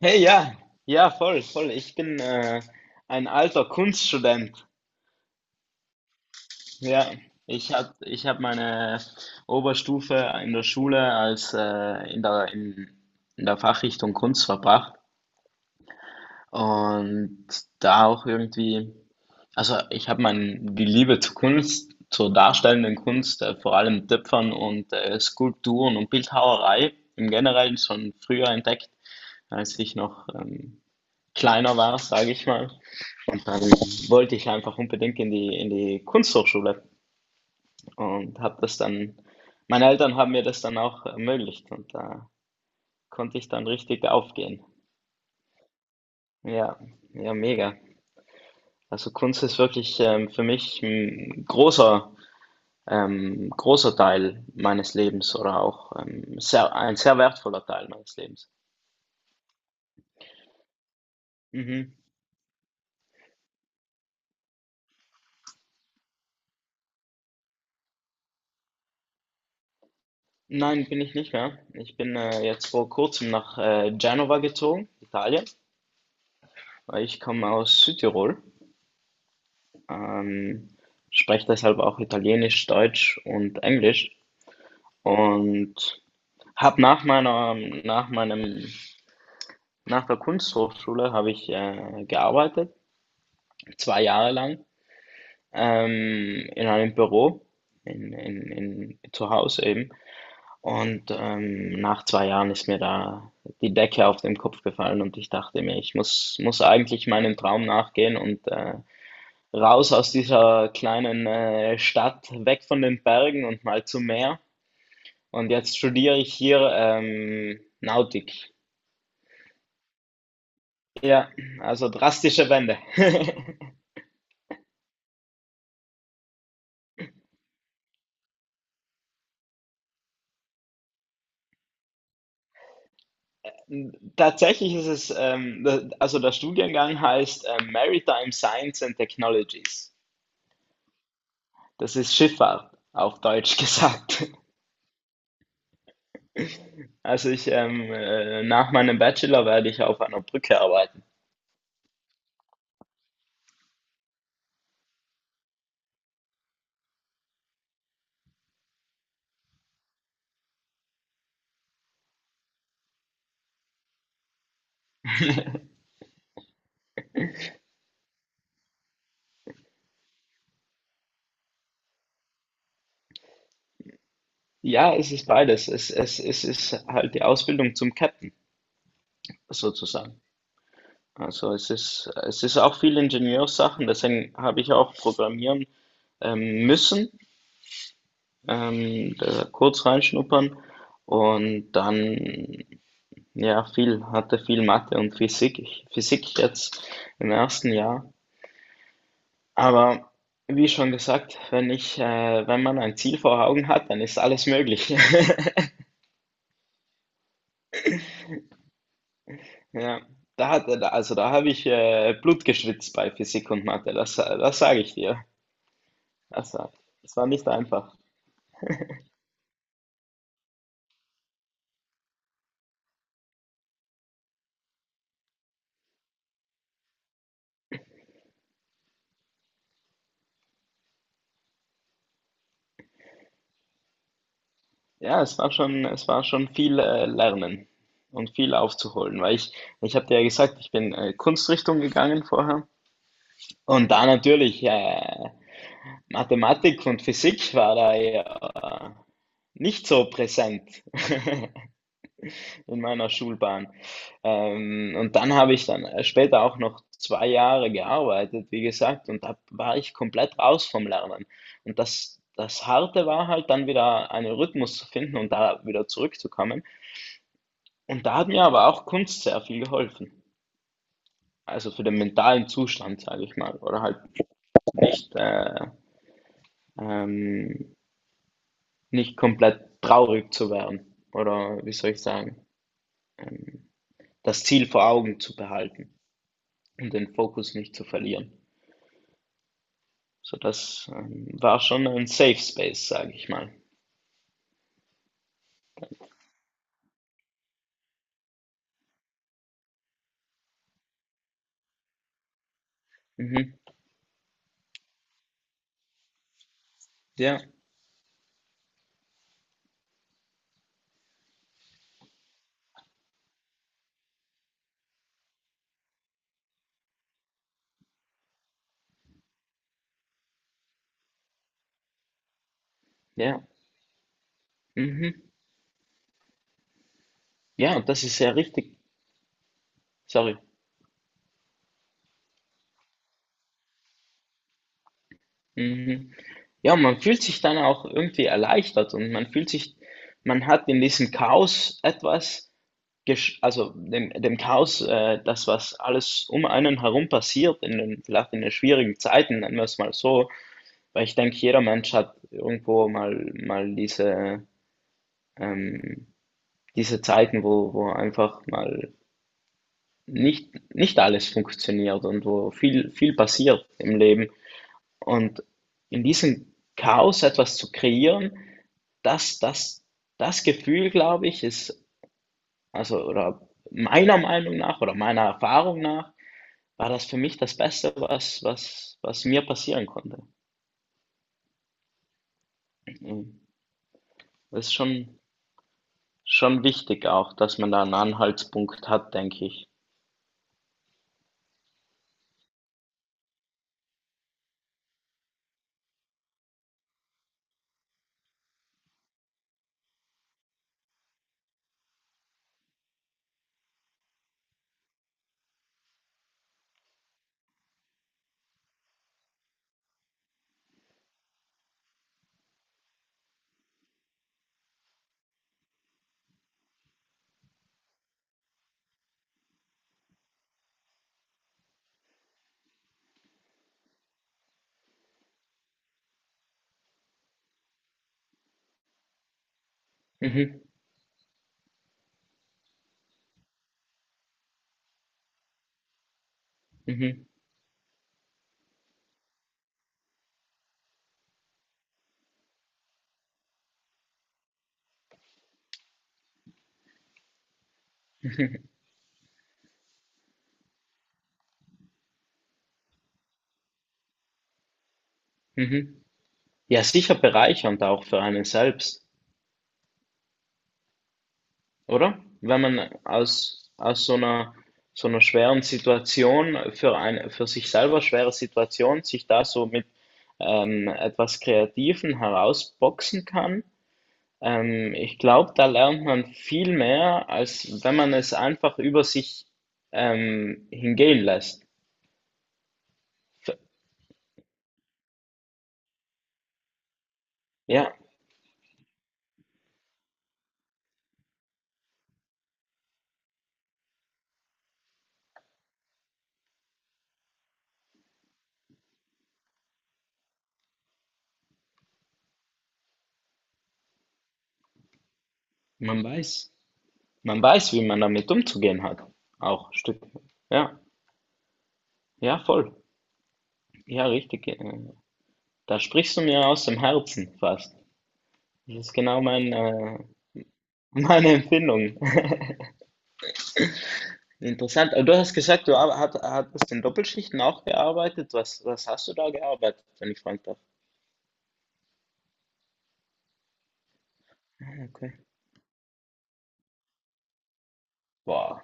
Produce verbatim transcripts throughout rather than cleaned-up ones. Hey, ja, ja, voll, voll. Ich bin äh, ein alter Kunststudent. Ja, ich hab, ich hab meine Oberstufe in der Schule als äh, in der, in, in der Fachrichtung Kunst verbracht und da auch irgendwie, also ich habe mein, die Liebe zur Kunst, zur darstellenden Kunst, äh, vor allem Töpfern und äh, Skulpturen und Bildhauerei im Generellen schon früher entdeckt, als ich noch ähm, kleiner war, sage ich mal. Und dann wollte ich einfach unbedingt in die, in die Kunsthochschule und habe das dann, meine Eltern haben mir das dann auch ermöglicht und da konnte ich dann richtig aufgehen. Ja, ja, mega. Also Kunst ist wirklich ähm, für mich ein großer, ähm, großer Teil meines Lebens oder auch ähm, sehr, ein sehr wertvoller Teil meines Lebens. Mhm. Nein, bin ich nicht mehr. Ich bin äh, jetzt vor kurzem nach äh, Genova gezogen, Italien. Ich komme aus Südtirol, ähm, spreche deshalb auch Italienisch, Deutsch und Englisch und habe nach meiner, nach meinem, nach der Kunsthochschule habe ich äh, gearbeitet, zwei Jahre lang, ähm, in einem Büro, in, in, in, zu Hause eben. Und ähm, nach zwei Jahren ist mir da die Decke auf den Kopf gefallen und ich dachte mir, ich muss, muss eigentlich meinem Traum nachgehen und äh, raus aus dieser kleinen äh, Stadt, weg von den Bergen und mal zum Meer. Und jetzt studiere ich hier ähm, Nautik. Ja, also drastische Wende. Tatsächlich ist es, ähm, da- also der Studiengang heißt äh, Maritime Science and Technologies. Das ist Schifffahrt, auf Deutsch gesagt. Also ich, ähm, äh, nach meinem Bachelor werde ich auf einer Brücke arbeiten. Ja, es ist beides. Es, es, es ist halt die Ausbildung zum Captain, sozusagen. Also es ist, es ist auch viel Ingenieurssachen, deswegen habe ich auch programmieren ähm, müssen, ähm, da kurz reinschnuppern und dann, ja, viel, hatte viel Mathe und Physik, Physik jetzt im ersten Jahr. Aber wie schon gesagt, wenn ich, äh, wenn man ein Ziel vor Augen hat, dann ist alles möglich. Ja, da hat, da- also da habe ich äh, Blut geschwitzt bei Physik und Mathe, das, das sage ich dir. Das, war- Das war nicht einfach. Ja, es war schon, es war schon viel äh, Lernen und viel aufzuholen, weil ich, ich habe dir ja gesagt, ich bin äh, Kunstrichtung gegangen vorher und da natürlich äh, Mathematik und Physik war da ja äh, nicht so präsent in meiner Schulbahn. Ähm, und dann habe ich dann äh, später auch noch zwei Jahre gearbeitet, wie gesagt, und da war ich komplett raus vom Lernen. Und das, das Harte war halt dann wieder einen Rhythmus zu finden und da wieder zurückzukommen. Und da hat mir aber auch Kunst sehr viel geholfen. Also für den mentalen Zustand, sage ich mal, oder halt nicht, äh, ähm, nicht komplett traurig zu werden oder wie soll ich sagen, ähm, das Ziel vor Augen zu behalten und den Fokus nicht zu verlieren. So, das ähm, war schon ein Safe Space, sage ich mal. Mhm. Ja, ja, mhm. Ja, und das ist ja richtig. Sorry. Mhm. Ja, man fühlt sich dann auch irgendwie erleichtert und man fühlt sich, man hat in diesem Chaos etwas gesch also dem dem Chaos, äh, das, was alles um einen herum passiert in den, vielleicht in den schwierigen Zeiten, nennen wir es mal so, weil ich denke, jeder Mensch hat irgendwo mal mal diese, ähm diese Zeiten, wo, wo einfach mal nicht nicht alles funktioniert und wo viel viel passiert im Leben. Und in diesem Chaos etwas zu kreieren, das, das, das Gefühl, glaube ich, ist, also, oder meiner Meinung nach oder meiner Erfahrung nach, war das für mich das Beste, was, was, was mir passieren konnte. Mhm. Das ist schon, schon wichtig auch, dass man da einen Anhaltspunkt hat, denke ich. Mhm. Mhm. Mhm. Mhm. Ja, sicher bereichernd auch für einen selbst. Oder? Wenn man aus, aus so einer, so einer schweren Situation, für eine, für sich selber schwere Situation, sich da so mit ähm, etwas Kreativen herausboxen kann, ähm, ich glaube, da lernt man viel mehr, als wenn man es einfach über sich ähm, hingehen lässt. F- Ja, man weiß. Man weiß, wie man damit umzugehen hat. Auch Stück. Ja, ja, voll. Ja, richtig. äh, Da sprichst du mir aus dem Herzen fast. Das ist genau mein, äh, Meine Empfindung. Interessant. Aber du hast gesagt, du arbe- hat, hattest in Doppelschichten auch gearbeitet. Was, was hast du da gearbeitet, wenn ich fragen darf? Ah, okay. Boah.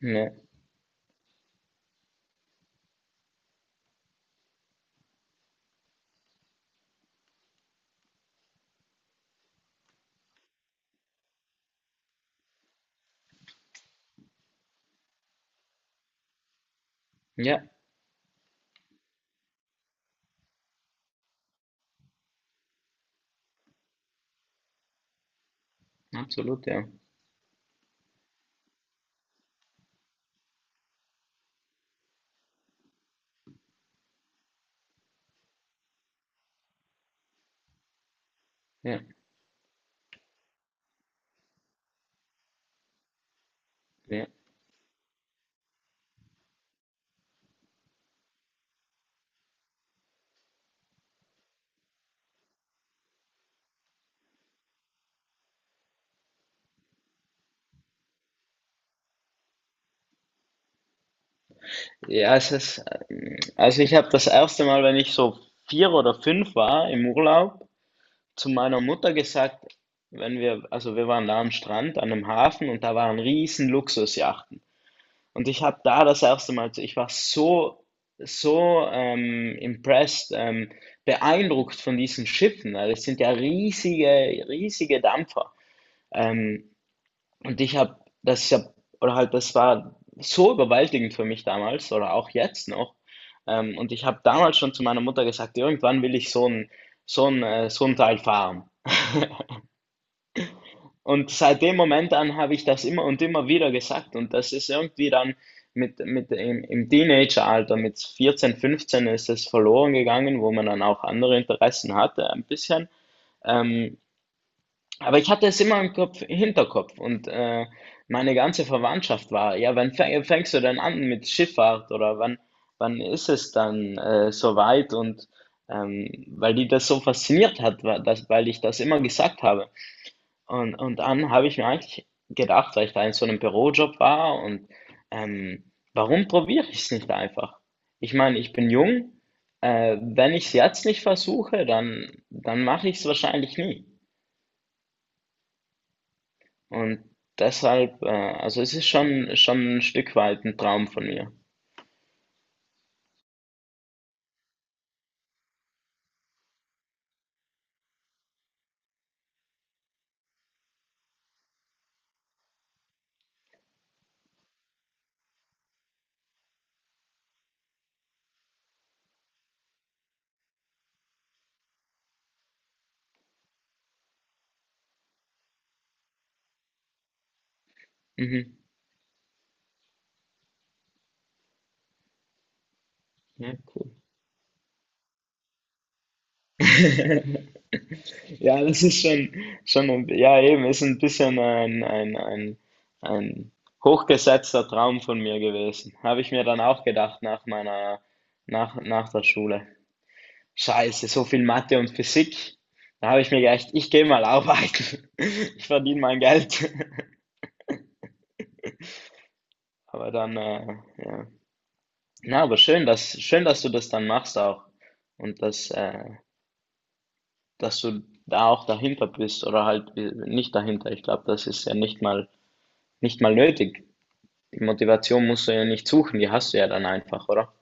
Ja, ja, absolut, ja. Ja, ja. Ja, es ist, ähm, also ich habe das erste Mal, wenn ich so vier oder fünf war im Urlaub, zu meiner Mutter gesagt, wenn wir, also wir waren da am Strand, an einem Hafen und da waren riesen Luxusjachten. Und ich habe da das erste Mal, ich war so, so ähm, impressed, ähm, beeindruckt von diesen Schiffen, weil es sind ja riesige, riesige Dampfer. Ähm, und ich habe, das ist ja, oder halt, Das war so überwältigend für mich damals oder auch jetzt noch. Ähm, und ich habe damals schon zu meiner Mutter gesagt, irgendwann will ich so ein, so ein, äh, so ein Teil fahren. Und seit dem Moment an habe ich das immer und immer wieder gesagt. Und das ist irgendwie dann mit, mit im, im Teenageralter, mit vierzehn, fünfzehn ist es verloren gegangen, wo man dann auch andere Interessen hatte, ein bisschen. Ähm, aber ich hatte es immer im Kopf, Hinterkopf und äh, meine ganze Verwandtschaft war, ja, wann fäng- fängst du denn an mit Schifffahrt oder wann, wann ist es dann äh, soweit? Und ähm, weil die das so fasziniert hat, weil, das, weil ich das immer gesagt habe. Und, und dann habe ich mir eigentlich gedacht, weil ich da in so einem Bürojob war und ähm, warum probiere ich es nicht einfach? Ich meine, ich bin jung, äh, wenn ich es jetzt nicht versuche, dann, dann mache ich es wahrscheinlich nie. Und deshalb, äh, also es ist schon, schon ein Stück weit ein Traum von mir. Mhm. Ja, cool. Ja, das ist schon, schon ein, ja, eben, ist ein bisschen ein, ein, ein, ein hochgesetzter Traum von mir gewesen. Habe ich mir dann auch gedacht nach meiner, nach, nach der Schule. Scheiße, so viel Mathe und Physik. Da habe ich mir gedacht, ich gehe mal arbeiten. Ich verdiene mein Geld. Aber dann, äh, ja. Na, aber schön, dass, schön, dass du das dann machst auch. Und dass, äh, dass du da auch dahinter bist oder halt äh, nicht dahinter. Ich glaube, das ist ja nicht mal, nicht mal nötig. Die Motivation musst du ja nicht suchen, die hast du ja dann einfach, oder?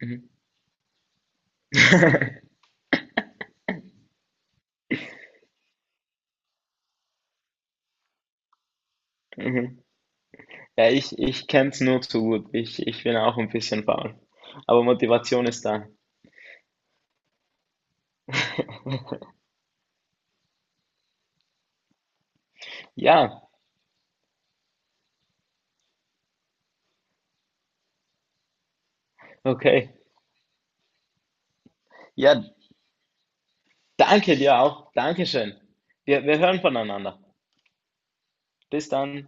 Mhm. Mhm. Ja, ich ich kenne es nur zu gut. Ich ich bin auch ein bisschen faul, aber Motivation ist da. Ja, okay. Ja, danke dir auch. Dankeschön. Wir wir hören voneinander. Bis dann.